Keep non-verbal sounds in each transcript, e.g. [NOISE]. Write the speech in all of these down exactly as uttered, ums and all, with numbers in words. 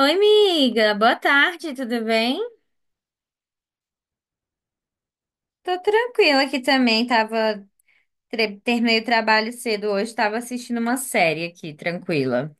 Oi, amiga. Boa tarde, tudo bem? Tô tranquila aqui também. Tava tre- terminei o trabalho cedo hoje, tava assistindo uma série aqui, tranquila.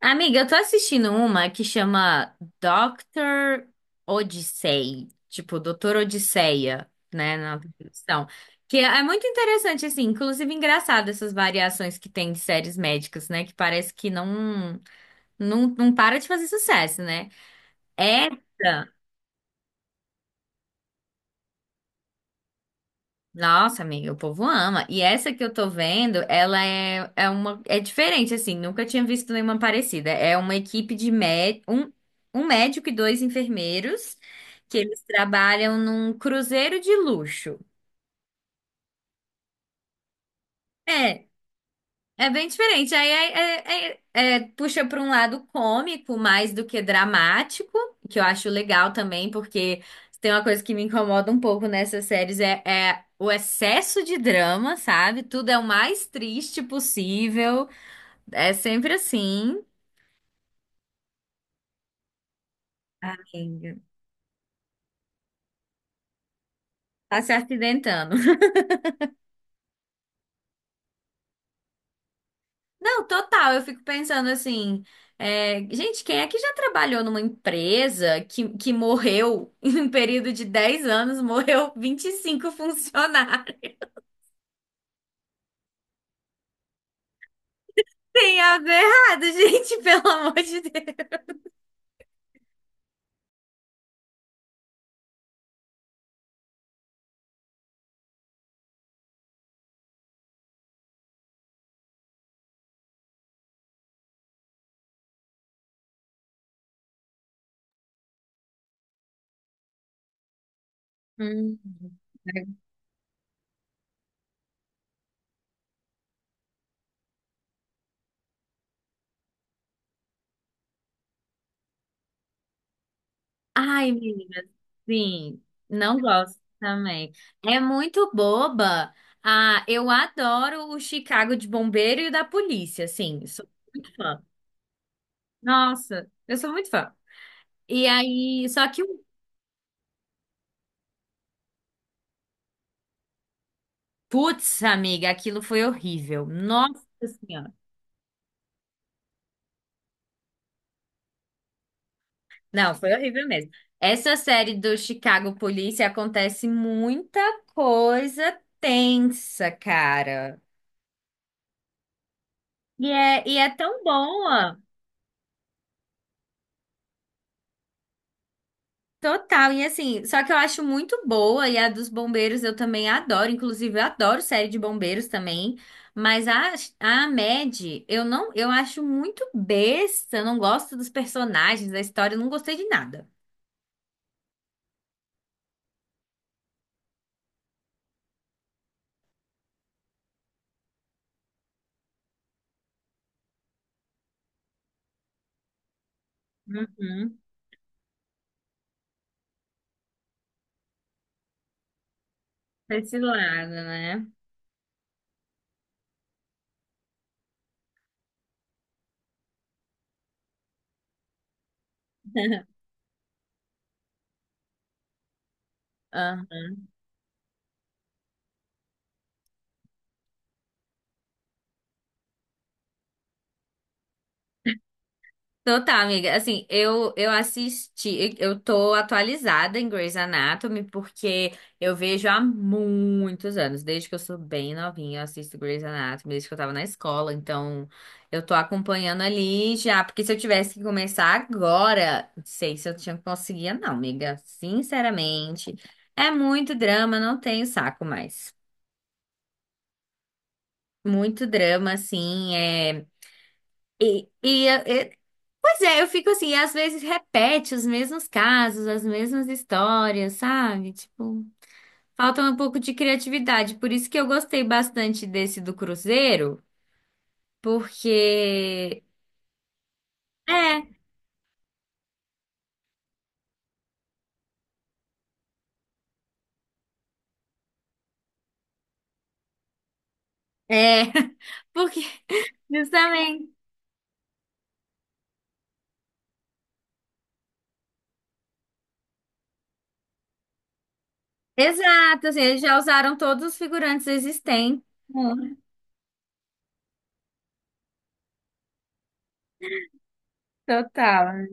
Amiga, eu tô assistindo uma que chama doutor Odyssey, tipo Doutor Odisseia, né, na tradução. Que é muito interessante assim, inclusive engraçado essas variações que tem de séries médicas, né, que parece que não não, não para de fazer sucesso, né? Essa... Nossa, amiga, o povo ama. E essa que eu tô vendo, ela é, é uma é diferente assim, nunca tinha visto nenhuma parecida. É uma equipe de mé um, um médico e dois enfermeiros que eles trabalham num cruzeiro de luxo. É, é bem diferente. Aí é, é- é- é, puxa para um lado cômico mais do que dramático, que eu acho legal também, porque tem uma coisa que me incomoda um pouco nessas séries é, é o excesso de drama, sabe? Tudo é o mais triste possível. É sempre assim. Sim. Tá se acidentando. Não, total. Eu fico pensando assim, é, gente, quem é que já trabalhou numa empresa que, que morreu [LAUGHS] em um período de dez anos, morreu vinte e cinco funcionários? Tem algo errado, gente, [LAUGHS] pelo amor de Deus. Hum. Ai, menina, sim, não gosto também. É muito boba. Ah, eu adoro o Chicago de bombeiro e o da polícia, assim, sou muito fã. Nossa, eu sou muito fã. E aí, só que o... Putz, amiga, aquilo foi horrível. Nossa Senhora. Não, foi horrível mesmo. Essa série do Chicago Police acontece muita coisa tensa, cara. E é, e é tão boa. Total. E assim, só que eu acho muito boa. E a dos bombeiros eu também adoro. Inclusive, eu adoro série de bombeiros também. Mas a, a Mad, eu não, eu acho muito besta. Eu não gosto dos personagens, da história, eu não gostei de nada. Uhum. Pra esse lado, né? Aham. Então tá, amiga. Assim, eu eu assisti, eu tô atualizada em Grey's Anatomy porque eu vejo há muitos anos, desde que eu sou bem novinha, eu assisto Grey's Anatomy, desde que eu tava na escola, então eu tô acompanhando ali já, porque se eu tivesse que começar agora, não sei se eu tinha conseguia não, amiga. Sinceramente, é muito drama, não tenho saco mais. Muito drama, assim, é E, e, Pois é, eu fico assim, às vezes repete os mesmos casos, as mesmas histórias, sabe? Tipo, falta um pouco de criatividade. Por isso que eu gostei bastante desse do Cruzeiro, porque... É, é. [LAUGHS] Porque, justamente. Exato, assim, eles já usaram todos os figurantes existentes. Hum, Total.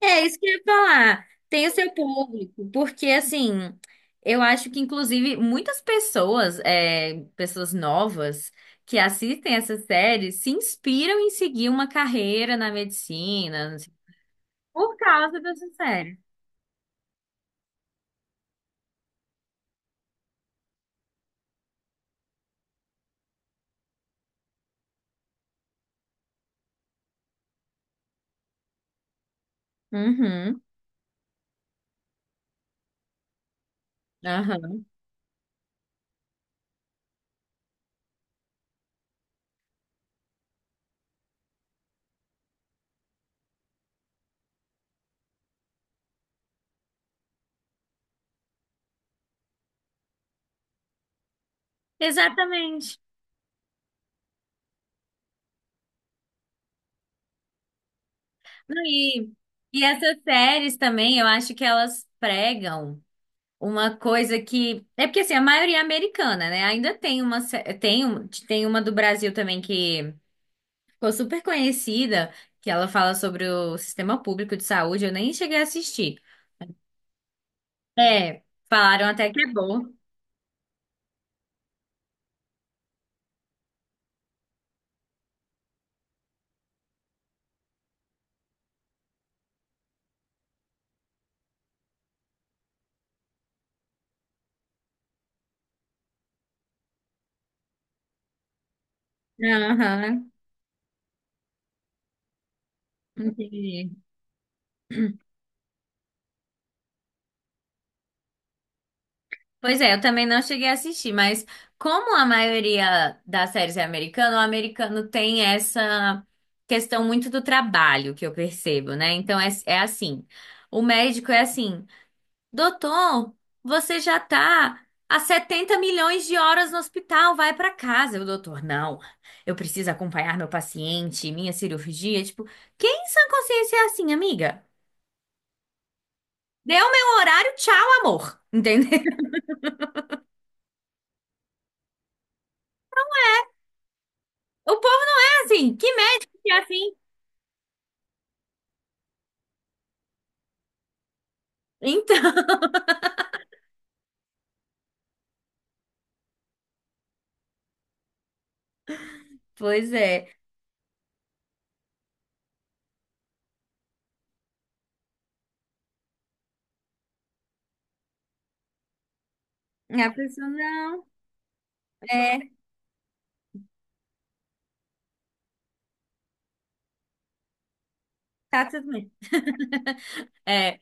É isso que eu ia falar. Tem o seu público, porque assim, eu acho que inclusive muitas pessoas, é, pessoas novas que assistem essa série se inspiram em seguir uma carreira na medicina, não sei, por causa dessa série. Uhum, aham. Exatamente. Não, E, e essas séries também, eu acho que elas pregam uma coisa que... É porque assim, a maioria é americana, né? Ainda tem uma, sé- tem, um- tem uma do Brasil também que ficou super conhecida, que ela fala sobre o sistema público de saúde, eu nem cheguei a assistir. É, falaram até que é bom. Aham, entendi. Pois é, eu também não cheguei a assistir, mas como a maioria das séries é americana, o americano tem essa questão muito do trabalho que eu percebo, né? Então é, é assim, o médico é assim. Doutor, você já tá há setenta milhões de horas no hospital, vai pra casa. O doutor, não, eu preciso acompanhar meu paciente, minha cirurgia. Tipo, quem em sã consciência é assim, amiga? Deu meu horário, tchau, amor. Entendeu? [LAUGHS] O povo não é assim. Que médico que é assim? Então, [LAUGHS] pois é. A pessoa, não, é, tá tudo bem. É,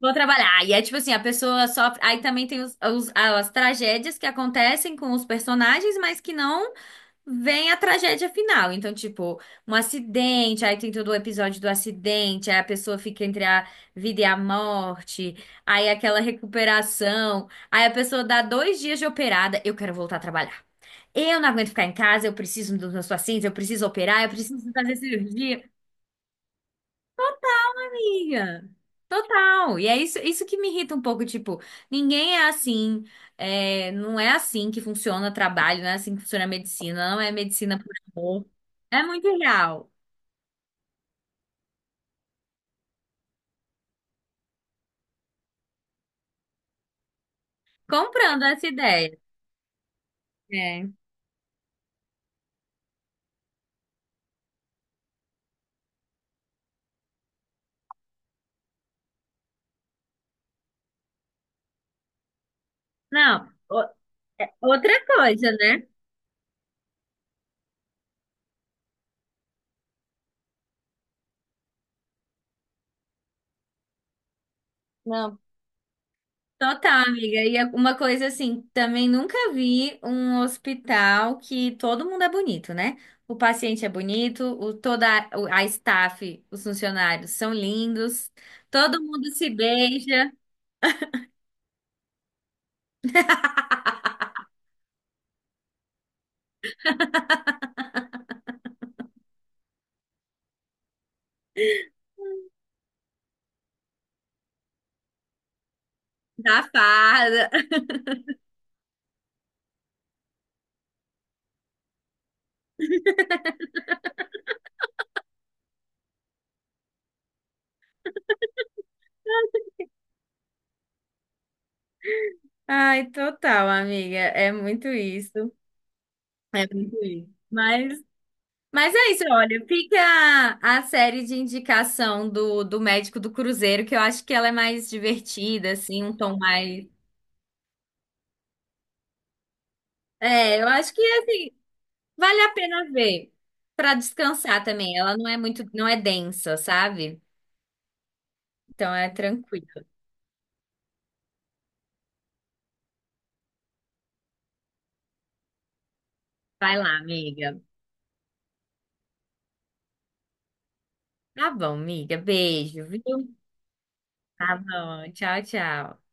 vou trabalhar. E é tipo assim, a pessoa sofre. Aí também tem os, os- as tragédias que acontecem com os personagens, mas que não... vem a tragédia final. Então, tipo, um acidente, aí tem todo o episódio do acidente, aí a pessoa fica entre a vida e a morte, aí aquela recuperação, aí a pessoa dá dois dias de operada, eu quero voltar a trabalhar. Eu não aguento ficar em casa, eu preciso dos meus pacientes, eu preciso operar, eu preciso fazer cirurgia. Amiga, total. E é isso, isso que me irrita um pouco, tipo, ninguém é assim, é, não é assim que funciona o trabalho, não é assim que funciona a medicina, não é medicina por amor. É muito real. Comprando essa ideia. É. Não, o- é outra coisa, né? Não, total, amiga. E é uma coisa assim, também nunca vi um hospital que todo mundo é bonito, né? O paciente é bonito, o, toda a, o- a staff, os funcionários são lindos, todo mundo se beija, dá farda. [LAUGHS] Ai, total, amiga. É muito isso. É muito isso. Mas, mas é isso, olha, fica a série de indicação do, do médico do Cruzeiro, que eu acho que ela é mais divertida, assim, um tom mais... É, eu acho que assim, vale a pena ver pra descansar também. Ela não é muito, não é densa, sabe? Então é tranquilo. Vai lá, amiga. Tá bom, amiga. Beijo, viu? Tá bom. Tchau, tchau.